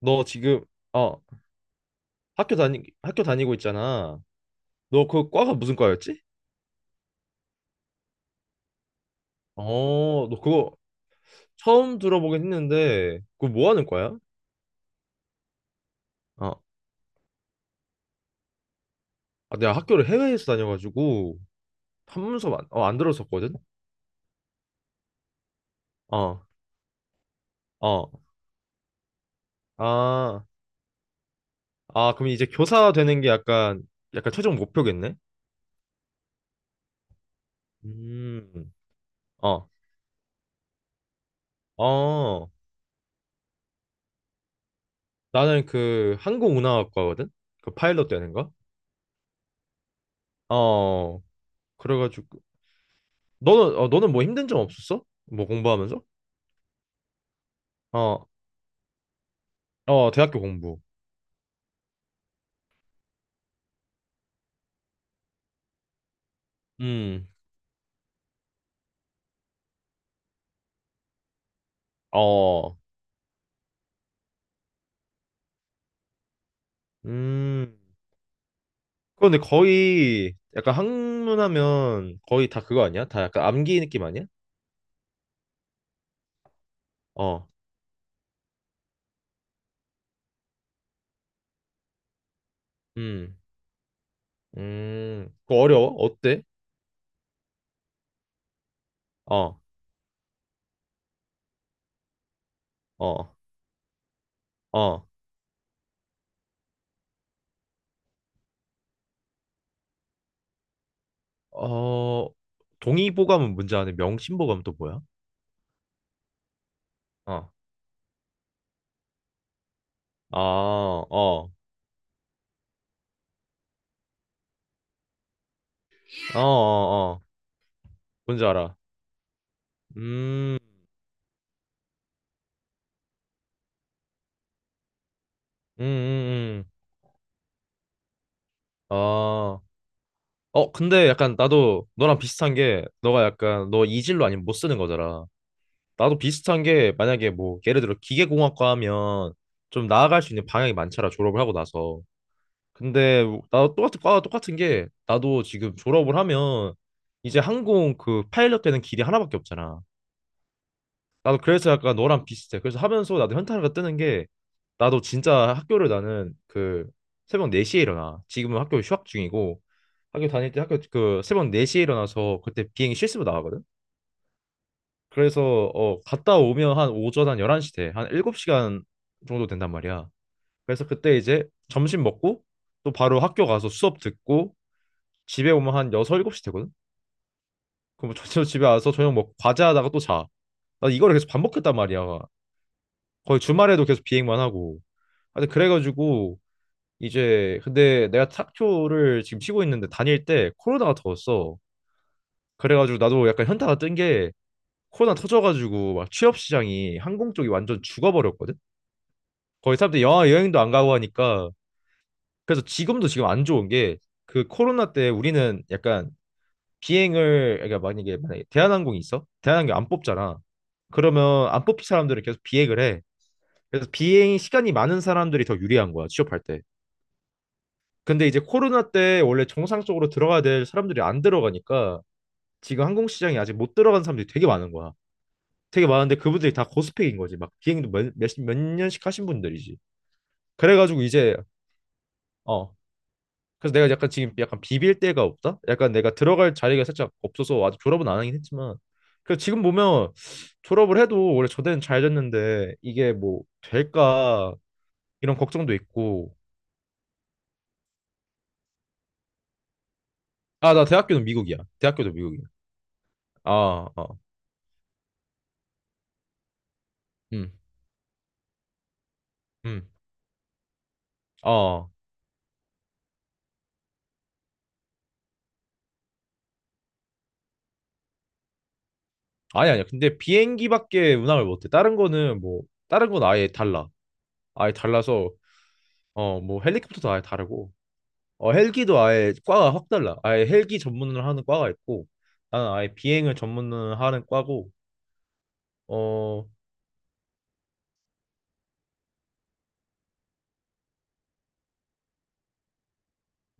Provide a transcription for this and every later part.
너 지금 어 학교 다니 학교 다니고 있잖아. 너 그 과가 무슨 과였지? 너 그거 처음 들어보긴 했는데 그거 뭐 하는 과야? 어, 내가 학교를 해외에서 다녀가지고 한문서 안, 어, 안 들었었거든. 어, 어, 아, 아 그럼 이제 교사 되는 게 약간 최종 목표겠네. 음, 어, 어, 나는 그 항공운항학과거든. 그 파일럿 되는 거. 어, 그래가지고 너는 너는 뭐 힘든 점 없었어? 뭐 공부하면서? 어, 대학교 공부. 음, 어, 음. 그런데 거의 약간 학문하면 거의 다 그거 아니야? 다 약간 암기 느낌 아니야? 어, 음. 그거 어려워? 어때? 어, 어, 어. 어, 동의보감은 뭔지 아네. 명심보감 또 뭐야? 어, 아, 어, 어, 어, 어. 뭔지 알아. 음, 음, 음, 음. 아. 근데 약간 나도 너랑 비슷한 게 너가 약간 너 이질로 아니면 못 쓰는 거잖아. 나도 비슷한 게 만약에 뭐 예를 들어 기계공학과 하면 좀 나아갈 수 있는 방향이 많잖아. 졸업을 하고 나서. 근데 나도 똑같은 과와 똑같은 게 나도 지금 졸업을 하면 이제 항공 그 파일럿 되는 길이 하나밖에 없잖아. 나도 그래서 약간 너랑 비슷해. 그래서 하면서 나도 현타가 뜨는 게 나도 진짜 학교를 나는 그 새벽 4시에 일어나. 지금은 학교 휴학 중이고 학교 다닐 때 학교 그 새벽 4시에 일어나서 그때 비행기 실습으로 나가거든. 그래서 갔다 오면 한 오전 한 11시 돼. 한 7시간 정도 된단 말이야. 그래서 그때 이제 점심 먹고 또 바로 학교 가서 수업 듣고 집에 오면 한 6, 7시 되거든. 그럼 뭐 저녁 집에 와서 저녁 먹고 과제하다가 또 자. 나 이거를 계속 반복했단 말이야. 거의 주말에도 계속 비행만 하고. 하여튼 그래가지고 이제 근데 내가 탁교를 지금 치고 있는데 다닐 때 코로나가 더웠어. 그래가지고 나도 약간 현타가 뜬 게 코로나 터져가지고 막 취업 시장이 항공 쪽이 완전 죽어버렸거든. 거의 사람들이 영화 여행도 안 가고 하니까 그래서 지금도 지금 안 좋은 게 그 코로나 때 우리는 약간 비행을 그러니까 만약에 대한항공이 있어? 대한항공 안 뽑잖아. 그러면 안 뽑힌 사람들은 계속 비행을 해. 그래서 비행 시간이 많은 사람들이 더 유리한 거야 취업할 때. 근데 이제 코로나 때 원래 정상적으로 들어가야 될 사람들이 안 들어가니까 지금 항공 시장에 아직 못 들어간 사람들이 되게 많은 거야. 되게 많은데 그분들이 다 고스펙인 거지. 막 비행도 몇 년씩 하신 분들이지. 그래가지고 이제 어 그래서 내가 약간 지금 약간 비빌 데가 없다. 약간 내가 들어갈 자리가 살짝 없어서 아직 졸업은 안 하긴 했지만 그 지금 보면 졸업을 해도 원래 저대는 잘 됐는데 이게 뭐 될까 이런 걱정도 있고. 아 나 대학교는 미국이야. 대학교도 미국이야. 아 어. 음. 음. 어, 아니 아니야. 근데 비행기밖에 운항을 못해. 다른 거는 뭐 다른 건 아예 달라. 아예 달라서 뭐 헬리콥터도 아예 다르고 헬기도 아예 과가 확 달라. 아예 헬기 전문을 하는 과가 있고 나는 아예 비행을 전문을 하는 과고 어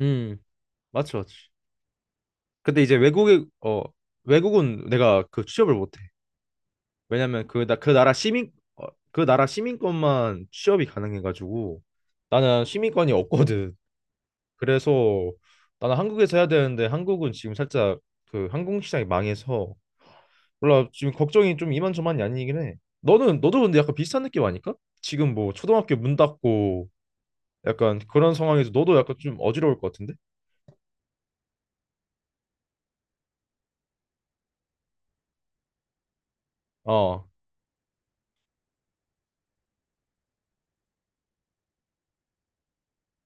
음 맞지. 근데 이제 외국에 어 외국은 내가 그 취업을 못해. 왜냐면 그 나 그 나라 시민 어, 그 나라 시민권만 취업이 가능해가지고 나는 시민권이 없거든. 그래서 나는 한국에서 해야 되는데 한국은 지금 살짝 그 항공 시장이 망해서 몰라 지금 걱정이 좀 이만저만이 아니긴 해. 너는 너도 근데 약간 비슷한 느낌 아닐까? 지금 뭐 초등학교 문 닫고 약간 그런 상황에서 너도 약간 좀 어지러울 것 같은데? 어,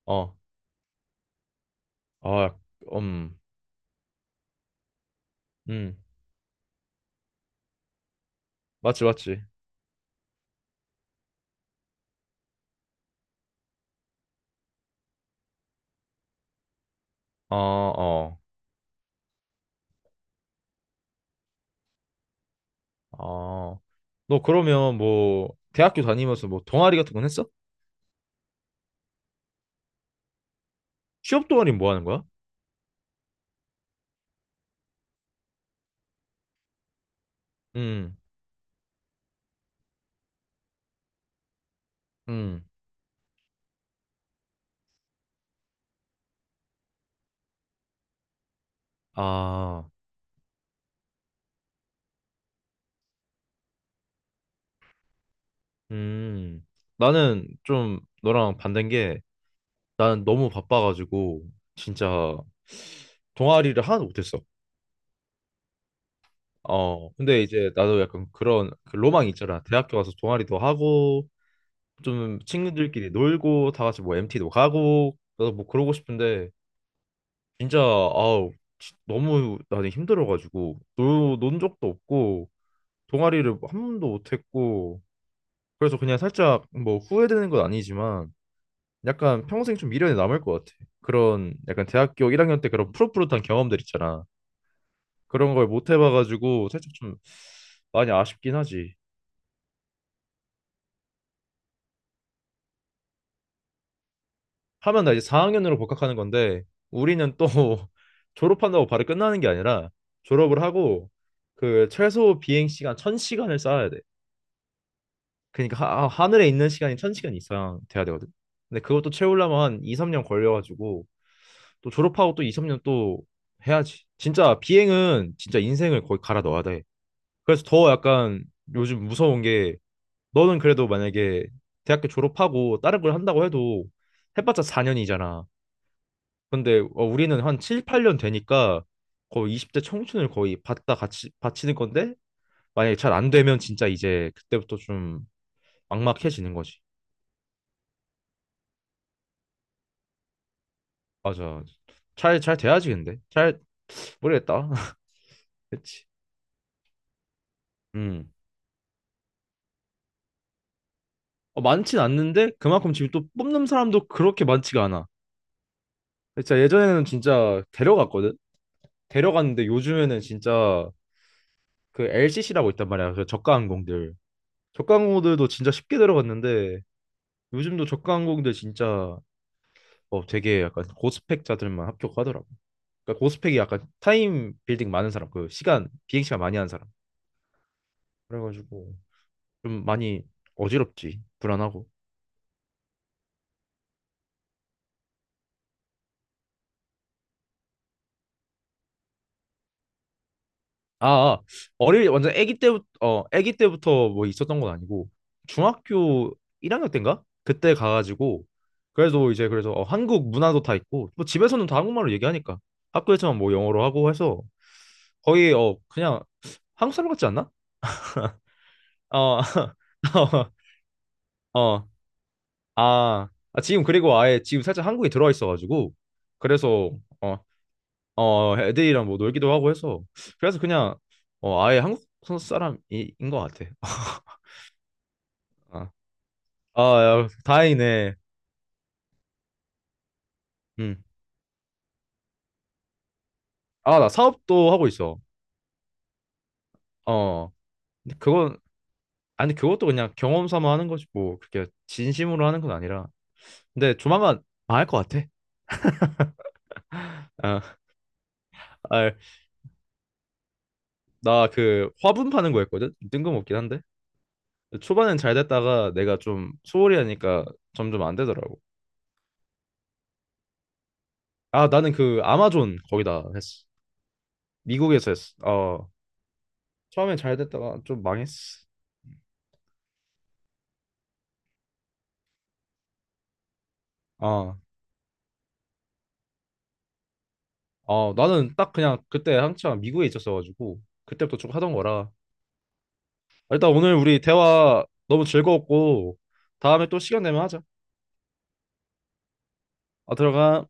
어, 아, 약- 음, 음, 맞지, 맞지. 어, 어, 어. 너 그러면 뭐 대학교 다니면서 뭐 동아리 같은 건 했어? 취업 동아리 뭐 하는 거야? 음, 음, 아. 음, 나는 좀 너랑 반대인 게 나는 너무 바빠가지고 진짜 동아리를 하나도 못했어. 근데 이제 나도 약간 그런 그 로망이 있잖아. 대학교 가서 동아리도 하고 좀 친구들끼리 놀고 다 같이 뭐 MT도 가고 나도 뭐 그러고 싶은데 진짜 아우 너무 나는 힘들어가지고 논 적도 없고 동아리를 한 번도 못했고 그래서 그냥 살짝 뭐 후회되는 건 아니지만 약간 평생 좀 미련이 남을 것 같아. 그런 약간 대학교 1학년 때 그런 푸릇푸릇한 경험들 있잖아. 그런 걸 못 해봐가지고 살짝 좀 많이 아쉽긴 하지. 하면 나 이제 4학년으로 복학하는 건데 우리는 또 졸업한다고 바로 끝나는 게 아니라 졸업을 하고 그 최소 비행 시간 1000시간을 쌓아야 돼. 그러니까 하늘에 있는 시간이 1000시간 이상 돼야 되거든. 근데 그것도 채우려면 한 2, 3년 걸려가지고 또 졸업하고 또 2, 3년 또 해야지. 진짜 비행은 진짜 인생을 거의 갈아 넣어야 돼. 그래서 더 약간 요즘 무서운 게 너는 그래도 만약에 대학교 졸업하고 다른 걸 한다고 해도 해봤자 4년이잖아. 근데 우리는 한 7, 8년 되니까 거의 20대 청춘을 거의 받다 같이 바치는 건데 만약에 잘 안 되면 진짜 이제 그때부터 좀 막막해지는 거지. 맞아. 잘 돼야지 근데. 잘 모르겠다. 그치. 음. 많진 않는데 그만큼 지금 또 뽑는 사람도 그렇게 많지가 않아. 진짜 예전에는 진짜 데려갔거든. 데려갔는데 요즘에는 진짜 그 LCC라고 있단 말이야. 그 저가 항공들. 저가 항공들도 진짜 쉽게 들어갔는데 요즘도 저가 항공들 진짜 되게 약간 고스펙자들만 합격하더라고. 그러니까 고스펙이 약간 타임 빌딩 많은 사람, 그 시간 비행 시간 많이 하는 사람. 그래가지고 좀 많이 어지럽지. 불안하고. 아, 아, 어릴 완전 아기 때부터 아기 때부터 뭐 있었던 건 아니고 중학교 1학년 때인가? 그때 가가지고 그래도 이제 그래서 한국 문화도 다 있고 뭐 집에서는 다 한국말로 얘기하니까 학교에서만 뭐 영어로 하고 해서 거의 그냥 한국 사람 같지 않나? 어, 어, 어, 아 지금 그리고 아예 지금 살짝 한국에 들어와 있어가지고 그래서 어, 애들이랑 뭐 놀기도 하고 해서 그래서 그냥 아예 한국 사람인 것 같아. 아, 야, 다행이네. 음. 아, 나 사업도 하고 있어. 어. 근데 그건, 아니, 그것도 그냥 경험 삼아 하는 거지, 뭐. 그렇게 진심으로 하는 건 아니라. 근데 조만간 망할 것 같아. 아, 아, 나 그 화분 파는 거 했거든? 뜬금없긴 한데. 초반엔 잘 됐다가 내가 좀 소홀히 하니까 점점 안 되더라고. 아, 나는 그 아마존 거기다 했어. 미국에서 했어. 어. 처음엔 잘 됐다가 좀 망했어. 아, 나는 딱 그냥 그때 한창 미국에 있었어가지고 그때부터 쭉 하던 거라 일단 오늘 우리 대화 너무 즐거웠고 다음에 또 시간 되면 하자. 아, 들어가.